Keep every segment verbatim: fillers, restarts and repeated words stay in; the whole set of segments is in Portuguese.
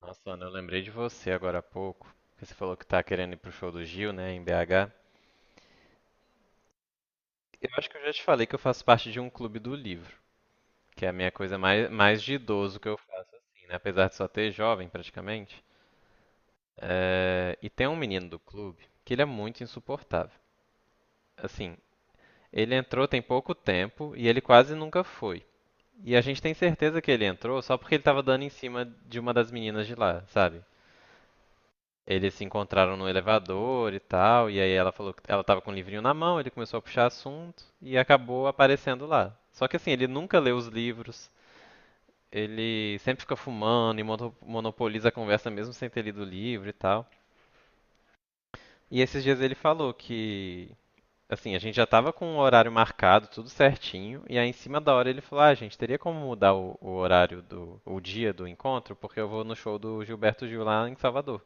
Nossa, Ana, eu lembrei de você agora há pouco, que você falou que tá querendo ir pro show do Gil, né, em B H. Eu acho que eu já te falei que eu faço parte de um clube do livro, que é a minha coisa mais, mais de idoso que eu faço, assim, né, apesar de só ter jovem praticamente. Eh, e tem um menino do clube que ele é muito insuportável. Assim, ele entrou tem pouco tempo e ele quase nunca foi. E a gente tem certeza que ele entrou só porque ele tava dando em cima de uma das meninas de lá, sabe? Eles se encontraram no elevador e tal, e aí ela falou que ela tava com o livrinho na mão, ele começou a puxar assunto e acabou aparecendo lá. Só que assim, ele nunca lê os livros, ele sempre fica fumando e mono- monopoliza a conversa mesmo sem ter lido o livro e tal. E esses dias ele falou que, assim, a gente já tava com o horário marcado, tudo certinho, e aí em cima da hora ele falou: ah, gente, teria como mudar o, o horário do, o dia do encontro, porque eu vou no show do Gilberto Gil lá em Salvador.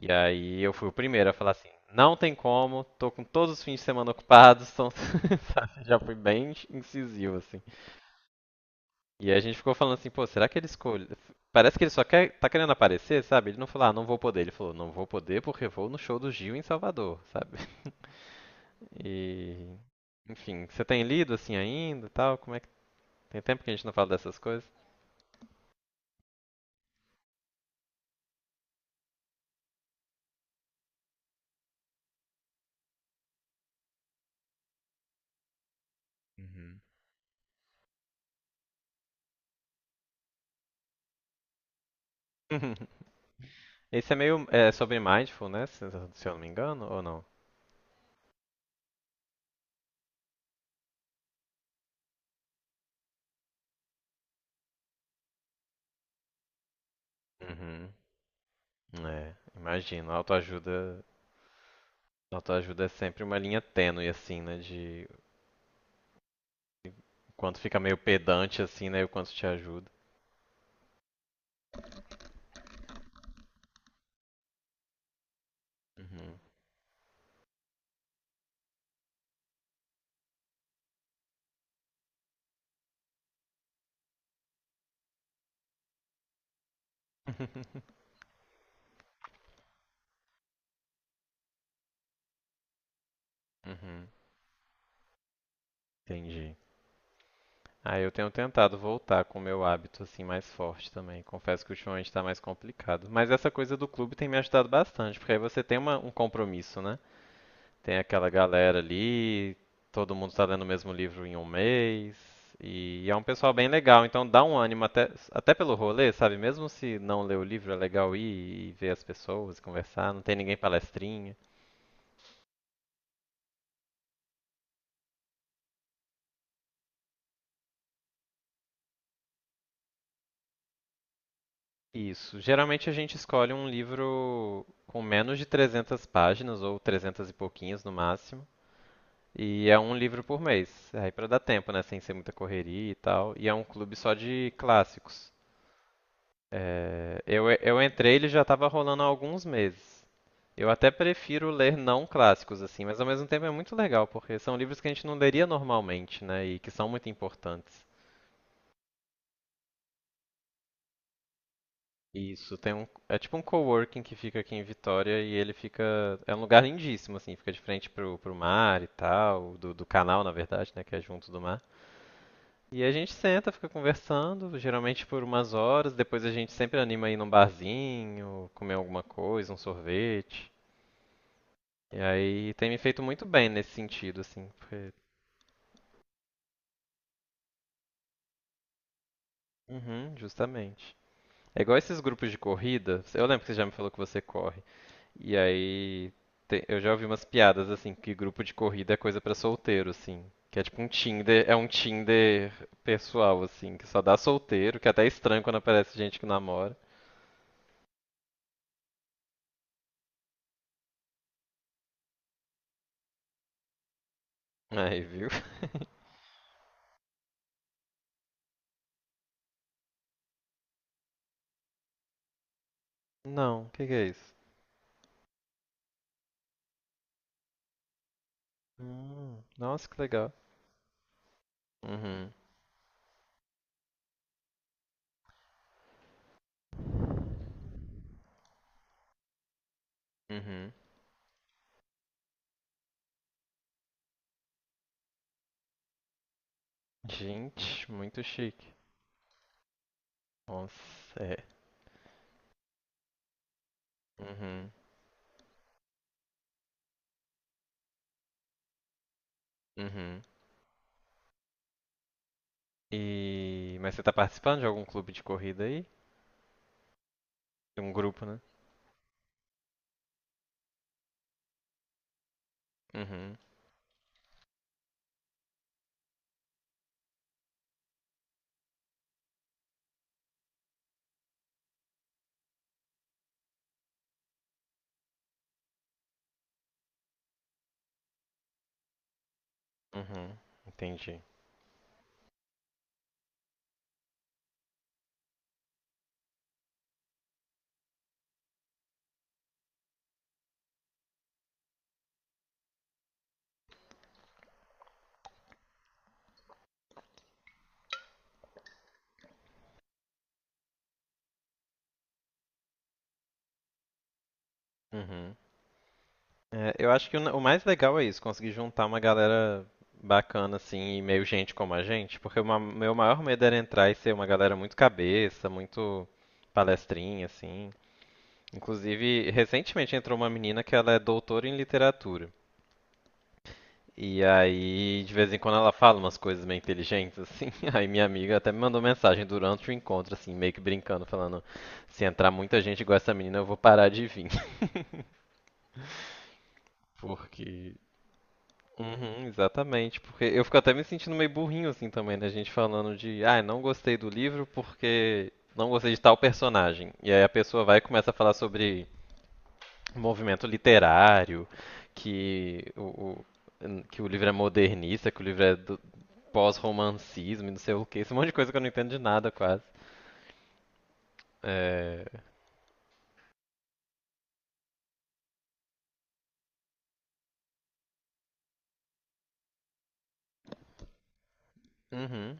E aí eu fui o primeiro a falar assim, não tem como, tô com todos os fins de semana ocupados, então já fui bem incisivo, assim. E aí a gente ficou falando assim, pô, será que ele escolhe? Parece que ele só quer, tá querendo aparecer, sabe? Ele não falou, ah, não vou poder. Ele falou, não vou poder porque vou no show do Gil em Salvador, sabe? E, enfim, você tem lido assim ainda, e tal? Como é que tem tempo que a gente não fala dessas coisas? Uhum. Esse é meio é, sobre mindfulness, se se eu não me engano, ou não? Uhum. É, imagino, autoajuda. Autoajuda é sempre uma linha tênue, assim, né? De o quanto fica meio pedante, assim, né? E o quanto te ajuda. Uhum. Uhum. Entendi. Ah, eu tenho tentado voltar com o meu hábito, assim, mais forte também. Confesso que ultimamente tá mais complicado. Mas essa coisa do clube tem me ajudado bastante, porque aí você tem uma- um compromisso, né? Tem aquela galera ali, todo mundo está lendo o mesmo livro em um mês, e é um pessoal bem legal, então dá um ânimo até, até pelo rolê, sabe? Mesmo se não ler o livro, é legal ir e ver as pessoas, conversar, não tem ninguém palestrinha. Isso. Geralmente a gente escolhe um livro com menos de trezentas páginas, ou trezentas e pouquinhos no máximo. E é um livro por mês, aí para dar tempo, né, sem ser muita correria e tal. E é um clube só de clássicos. É, eu, eu entrei, e ele já estava rolando há alguns meses. Eu até prefiro ler não clássicos, assim, mas ao mesmo tempo é muito legal, porque são livros que a gente não leria normalmente, né, e que são muito importantes. Isso, tem um, é tipo um coworking que fica aqui em Vitória e ele fica, é um lugar lindíssimo, assim, fica de frente pro, pro mar e tal, do, do canal, na verdade, né, que é junto do mar. E a gente senta, fica conversando, geralmente por umas horas, depois a gente sempre anima a ir num barzinho, comer alguma coisa, um sorvete. E aí tem me feito muito bem nesse sentido, assim. Porque... Uhum, justamente. É igual esses grupos de corrida. Eu lembro que você já me falou que você corre. E aí te- eu já ouvi umas piadas assim que grupo de corrida é coisa pra solteiro, assim. Que é tipo um Tinder, é um Tinder pessoal, assim, que só dá solteiro, que é até é estranho quando aparece gente que namora. Aí, viu? Não, o que que é isso? Hum, nossa, que legal. Uhum, uhum. Gente, muito chique. Nossa, é. Uhum. Uhum. E. Mas você tá participando de algum clube de corrida aí? De um grupo, né? Uhum. Uhum. Entendi. Uhum. É, eu acho que o, o mais legal é isso, conseguir juntar uma galera bacana, assim, e meio gente como a gente, porque o ma- meu maior medo era entrar e ser uma galera muito cabeça, muito palestrinha, assim. Inclusive, recentemente entrou uma menina que ela é doutora em literatura. E aí, de vez em quando ela fala umas coisas meio inteligentes, assim. Aí minha amiga até me mandou mensagem durante o encontro, assim, meio que brincando, falando: se entrar muita gente igual essa menina, eu vou parar de vir. Uhum, exatamente. Porque eu fico até me sentindo meio burrinho, assim, também, né? A gente falando de: ah, não gostei do livro porque não gostei de tal personagem. E aí a pessoa vai e começa a falar sobre movimento literário, que o, o- que o livro é modernista, que o livro é do pós-romancismo e não sei o que. Esse monte de coisa que eu não entendo de nada, quase. É... Uhum.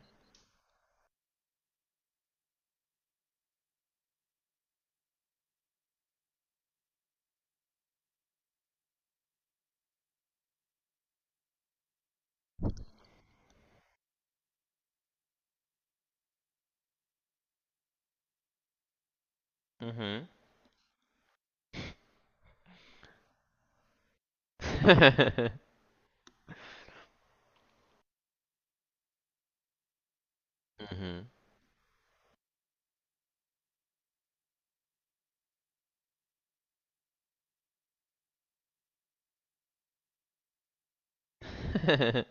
Uhum. uhum.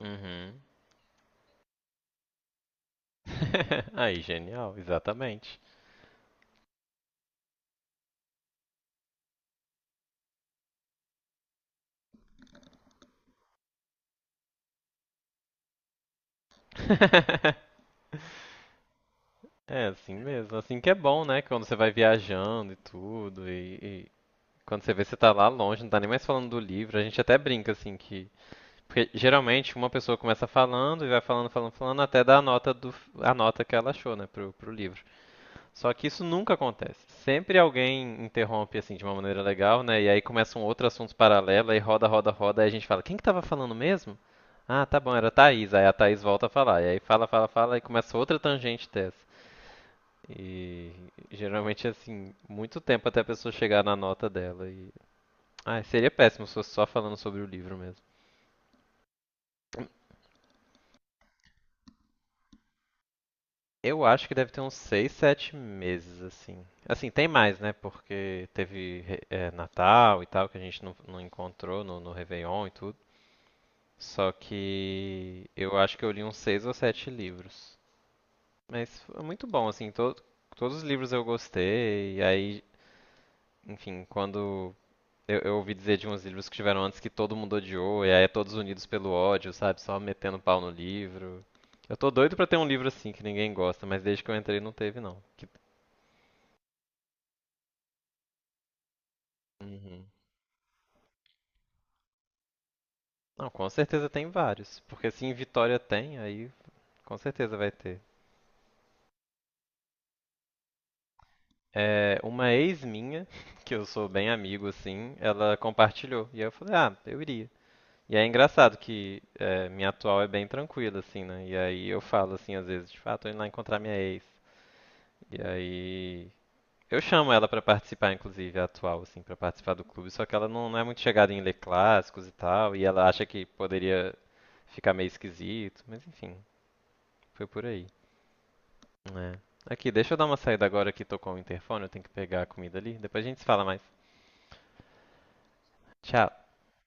uhum. Aí, genial, exatamente. É assim mesmo, assim que é bom, né? Quando você vai viajando e tudo, e, e quando você vê que você tá lá longe, não tá nem mais falando do livro, a gente até brinca assim que. Porque geralmente uma pessoa começa falando e vai falando, falando, falando, até dar a nota do, a nota que ela achou, né, pro, pro livro. Só que isso nunca acontece. Sempre alguém interrompe assim de uma maneira legal, né? E aí começa um outro assunto paralelo, aí roda, roda, roda, aí a gente fala, quem que tava falando mesmo? Ah, tá bom, era a Thaís. Aí a Thaís volta a falar. E aí fala, fala, fala, e começa outra tangente dessa. E geralmente assim, muito tempo até a pessoa chegar na nota dela. E... Ah, seria péssimo se fosse só falando sobre o livro mesmo. Eu acho que deve ter uns seis, sete meses, assim. Assim, tem mais, né? Porque teve re- eh, Natal e tal, que a gente não, não encontrou no, no Réveillon e tudo. Só que eu acho que eu li uns seis ou sete livros. Mas foi muito bom, assim, to- todos os livros eu gostei. E aí, enfim, quando eu, eu ouvi dizer de uns livros que tiveram antes que todo mundo odiou, e aí é todos unidos pelo ódio, sabe? Só metendo pau no livro. Eu tô doido pra ter um livro assim que ninguém gosta, mas desde que eu entrei não teve, não. Que Uhum. Não, com certeza tem vários. Porque se em Vitória tem, aí com certeza vai ter. É, uma ex minha, que eu sou bem amigo assim, ela compartilhou. E aí eu falei, ah, eu iria. E é engraçado que é, minha atual é bem tranquila, assim, né? E aí eu falo assim, às vezes, tipo, ah, tô indo lá encontrar minha ex. E aí. Eu chamo ela pra participar, inclusive, a atual, assim, pra participar do clube, só que ela não, não é muito chegada em ler clássicos e tal, e ela acha que poderia ficar meio esquisito, mas enfim, foi por aí. É. Aqui, deixa eu dar uma saída agora que tocou o interfone, eu tenho que pegar a comida ali. Depois a gente se fala mais. Tchau.